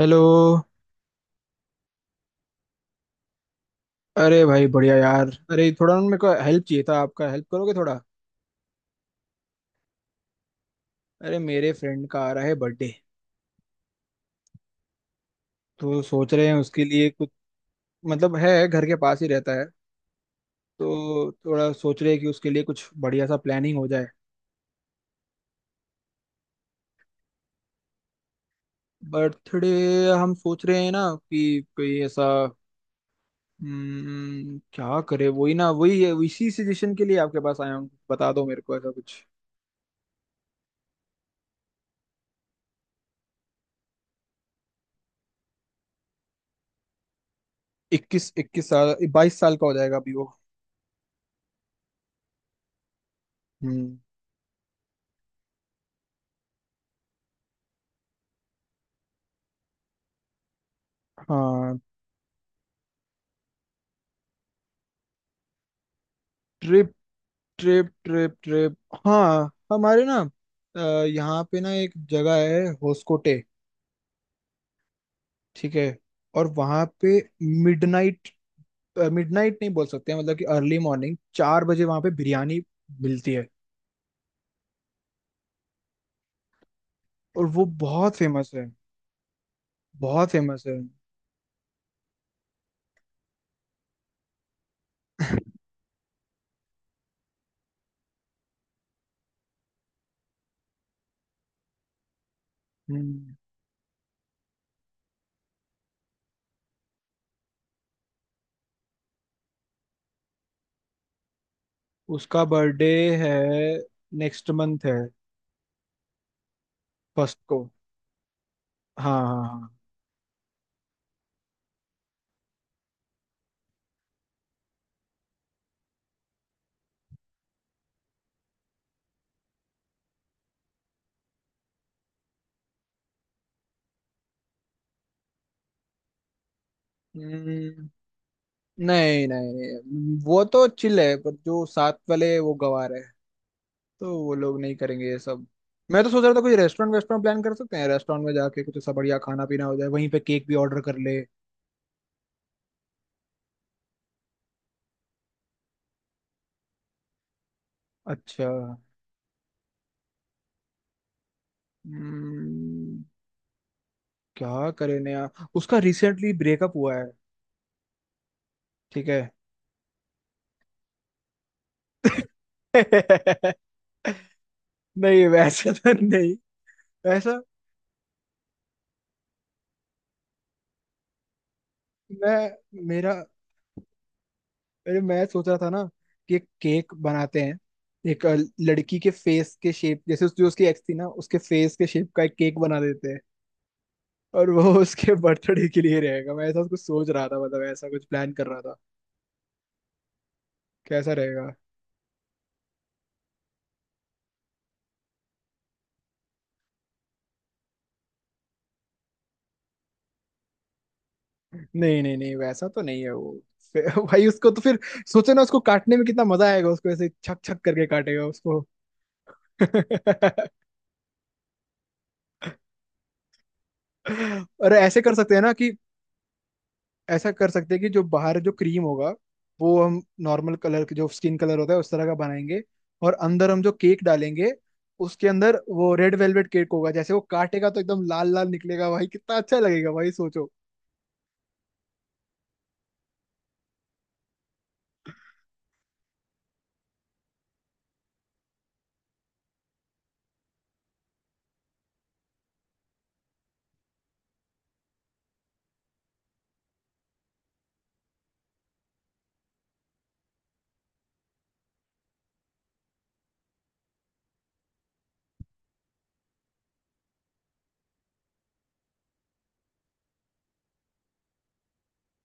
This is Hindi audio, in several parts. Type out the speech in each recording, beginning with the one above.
हेलो। अरे भाई बढ़िया यार। अरे थोड़ा ना, मेरे को हेल्प चाहिए था आपका। हेल्प करोगे थोड़ा? अरे मेरे फ्रेंड का आ रहा है बर्थडे। तो सोच रहे हैं उसके लिए कुछ। मतलब है घर के पास ही रहता है। तो थोड़ा सोच रहे हैं कि उसके लिए कुछ बढ़िया सा प्लानिंग हो जाए। बर्थडे। हम सोच रहे हैं ना कि कोई ऐसा। क्या करे, वही ना वही इसी सजेशन के लिए आपके पास आया हूँ। बता दो मेरे को ऐसा कुछ। इक्कीस इक्कीस साल 22 साल का हो जाएगा अभी वो। हम्म। हाँ। Trip trip trip. हाँ हमारे ना, अ, यहाँ पे ना एक जगह है होस्कोटे। ठीक है। और वहाँ पे मिडनाइट, मिडनाइट नहीं बोल सकते हैं मतलब कि अर्ली मॉर्निंग 4 बजे वहाँ पे बिरयानी मिलती है। और वो बहुत फेमस है। बहुत फेमस है। हम्म, उसका बर्थडे है, नेक्स्ट मंथ है। फर्स्ट को। हाँ हाँ हाँ। हम्म, नहीं नहीं, वो तो चिल है पर जो साथ वाले वो गवार है। तो वो लोग नहीं करेंगे ये सब। मैं तो सोच रहा था कुछ रेस्टोरेंट वेस्टोरेंट प्लान कर सकते हैं। रेस्टोरेंट में जाके कुछ ऐसा बढ़िया खाना पीना हो जाए, वहीं पे केक भी ऑर्डर कर ले। अच्छा। हम्म, क्या करें नया? उसका रिसेंटली ब्रेकअप हुआ है। ठीक है। नहीं, वैसे तो नहीं। वैसा मैं मेरा अरे मैं सोच रहा था ना कि एक केक बनाते हैं। एक लड़की के फेस के शेप जैसे जो उसकी एक्स थी ना, उसके फेस के शेप का एक केक बना देते हैं। और वो उसके बर्थडे के लिए रहेगा। मैं ऐसा कुछ सोच रहा था, मतलब ऐसा कुछ प्लान कर रहा था। कैसा रहेगा? नहीं नहीं नहीं, वैसा तो नहीं है वो। भाई उसको तो फिर सोचो ना, उसको काटने में कितना मजा आएगा। उसको ऐसे छक छक करके काटेगा उसको। और ऐसे कर सकते हैं ना कि ऐसा कर सकते हैं कि जो बाहर जो क्रीम होगा वो हम नॉर्मल कलर के, जो स्किन कलर होता है उस तरह का बनाएंगे। और अंदर हम जो केक डालेंगे, उसके अंदर वो रेड वेलवेट केक होगा। जैसे वो काटेगा तो एकदम लाल लाल निकलेगा। भाई कितना अच्छा लगेगा, भाई सोचो।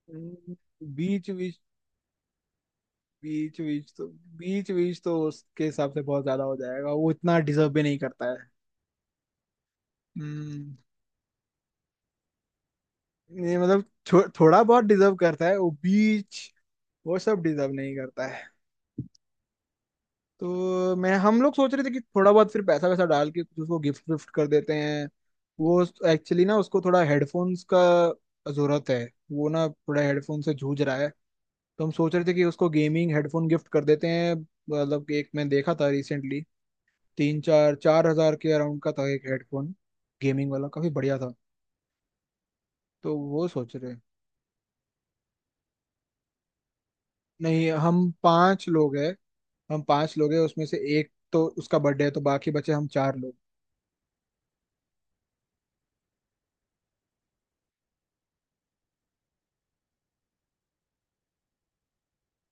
हम्म, बीच बीच। बीच तो, बीच बीच तो उसके हिसाब से बहुत ज्यादा हो जाएगा। वो इतना डिजर्व भी नहीं करता है। हम्म। ये मतलब थोड़ा बहुत डिजर्व करता है वो। बीच वो सब डिजर्व नहीं करता है। तो मैं हम लोग सोच रहे थे कि थोड़ा बहुत फिर पैसा वैसा डाल के कुछ उसको गिफ्ट विफ्ट कर देते हैं। वो एक्चुअली ना, उसको थोड़ा हेडफोन्स का जरूरत है। वो ना थोड़ा हेडफोन से जूझ रहा है। तो हम सोच रहे थे कि उसको गेमिंग हेडफोन गिफ्ट कर देते हैं। मतलब कि एक मैं देखा था रिसेंटली, तीन चार 4 हज़ार के अराउंड का था एक हेडफोन। गेमिंग वाला काफी बढ़िया था। तो वो सोच रहे हैं। नहीं, हम 5 लोग हैं। हम पांच लोग हैं, उसमें से एक तो उसका बर्थडे है, तो बाकी बचे हम 4 लोग।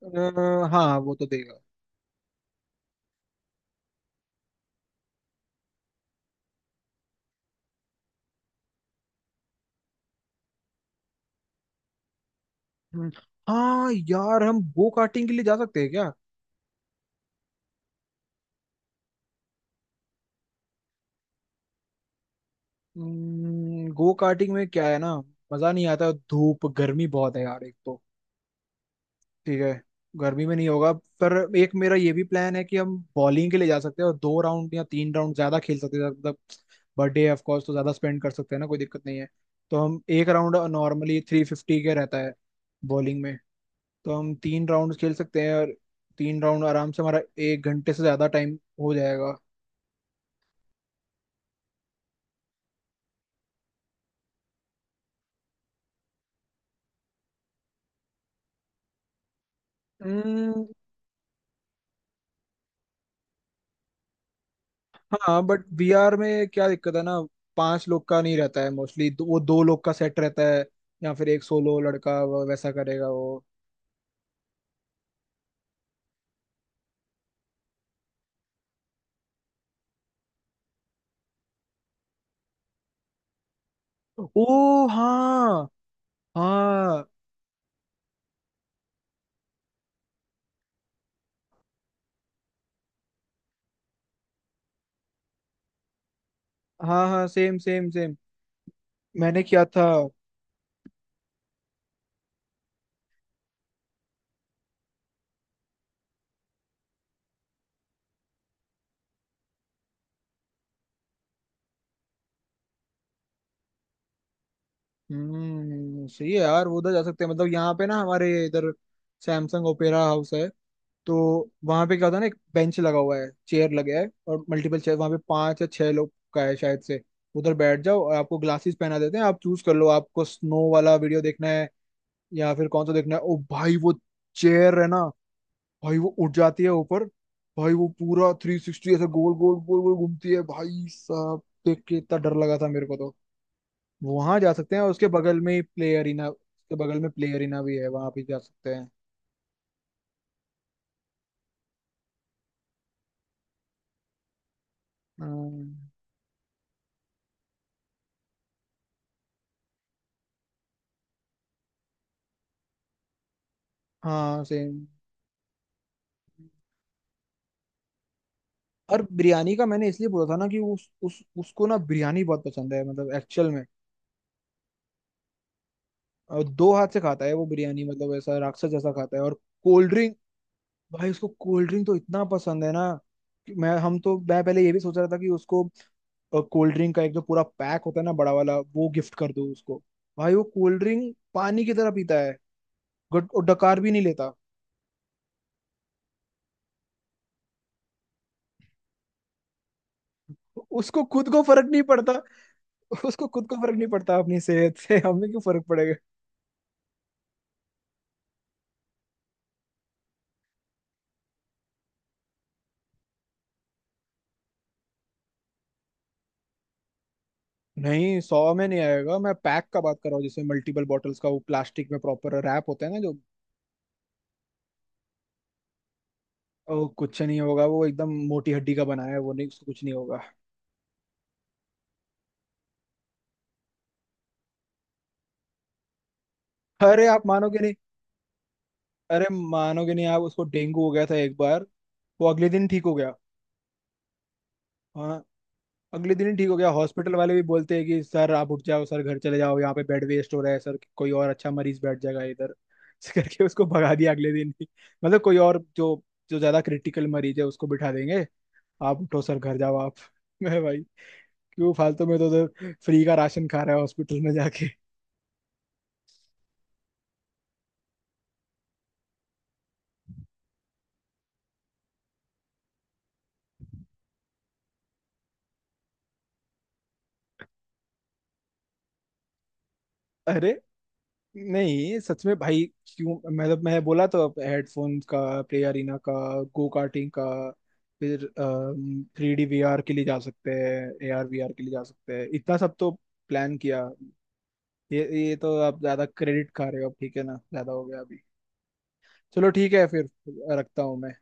हाँ वो तो देगा। हम्म, हाँ यार हम गो कार्टिंग के लिए जा सकते हैं क्या? गो कार्टिंग में क्या है ना, मजा नहीं आता। धूप गर्मी बहुत है यार एक तो। ठीक है, गर्मी में नहीं होगा। पर एक मेरा ये भी प्लान है कि हम बॉलिंग के लिए जा सकते हैं और 2 राउंड या 3 राउंड ज्यादा खेल सकते हैं, मतलब बर्थडे ऑफ कोर्स तो ज्यादा स्पेंड कर सकते हैं ना, कोई दिक्कत नहीं है। तो हम एक राउंड नॉर्मली 350 के रहता है बॉलिंग में। तो हम 3 राउंड खेल सकते हैं और 3 राउंड आराम से हमारा 1 घंटे से ज्यादा टाइम हो जाएगा। हम्म, हाँ बट VR में क्या दिक्कत है ना, 5 लोग का नहीं रहता है। मोस्टली वो 2 लोग का सेट रहता है या फिर एक सोलो लड़का, वो वैसा करेगा वो। ओ हाँ। हाँ। हाँ हाँ सेम सेम सेम मैंने किया था। सही है यार, वो उधर जा सकते हैं। मतलब यहाँ पे ना हमारे इधर सैमसंग ओपेरा हाउस है। तो वहां पे क्या होता है ना, एक बेंच लगा हुआ है, चेयर लगा है और मल्टीपल चेयर। वहां पे 5 या 6 लोग का है शायद से। उधर बैठ जाओ और आपको ग्लासेस पहना देते हैं। आप चूज कर लो, आपको स्नो वाला वीडियो देखना है या फिर कौन सा देखना है। ओ भाई वो चेयर है ना, भाई वो उठ जाती है ऊपर। भाई वो पूरा 360 ऐसे गोल गोल घूमती है। भाई साहब देख के इतना डर लगा था मेरे को तो। वहां जा सकते हैं। और उसके बगल में ही प्ले अरीना, उसके बगल में प्ले अरीना भी है, वहां भी जा सकते हैं। हाँ हाँ सेम। और बिरयानी का मैंने इसलिए बोला था ना कि उस उसको ना बिरयानी बहुत पसंद है मतलब एक्चुअल में। और दो हाथ से खाता है वो बिरयानी, मतलब ऐसा राक्षस जैसा खाता है। और कोल्ड ड्रिंक, भाई उसको कोल्ड ड्रिंक तो इतना पसंद है ना कि मैं हम तो मैं पहले ये भी सोच रहा था कि उसको कोल्ड ड्रिंक का एक जो पूरा पैक होता है ना, बड़ा वाला, वो गिफ्ट कर दो उसको। भाई वो कोल्ड ड्रिंक पानी की तरह पीता है। और डकार भी नहीं लेता। उसको खुद को फर्क नहीं पड़ता। उसको खुद को फर्क नहीं पड़ता अपनी सेहत से, हमें क्यों फर्क पड़ेगा। नहीं, 100 में नहीं आएगा। मैं पैक का बात कर रहा हूँ, जिसमें मल्टीपल बॉटल्स का वो प्लास्टिक में प्रॉपर रैप होता है ना जो। ओ, कुछ नहीं होगा, वो एकदम मोटी हड्डी का बनाया है वो। नहीं, उसको कुछ नहीं होगा। अरे आप मानोगे नहीं। अरे मानोगे नहीं आप, उसको डेंगू हो गया था एक बार। वो अगले दिन ठीक हो गया। हाँ। अगले दिन ही ठीक हो गया। हॉस्पिटल वाले भी बोलते हैं कि सर आप उठ जाओ, सर घर चले जाओ, यहाँ पे बेड वेस्ट हो रहा है सर। कोई और अच्छा मरीज बैठ जाएगा इधर। ऐसे करके उसको भगा दिया अगले दिन ही। मतलब कोई और जो, जो ज्यादा क्रिटिकल मरीज है उसको बिठा देंगे। आप उठो सर, घर जाओ आप। मैं भाई क्यों फालतू में तो उधर फ्री का राशन खा रहा है हॉस्पिटल में जाके। अरे नहीं, सच में भाई। क्यों, मतलब मैं बोला तो अब हेडफोन का, प्ले अरीना का, गो कार्टिंग का, फिर 3D VR के लिए जा सकते हैं, AR VR के लिए जा सकते हैं। इतना सब तो प्लान किया। ये ये तो आप ज्यादा क्रेडिट खा रहे हो अब, ठीक है ना? ज्यादा हो गया अभी। चलो ठीक है फिर, रखता हूँ मैं।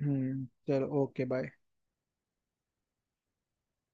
चलो, ओके बाय।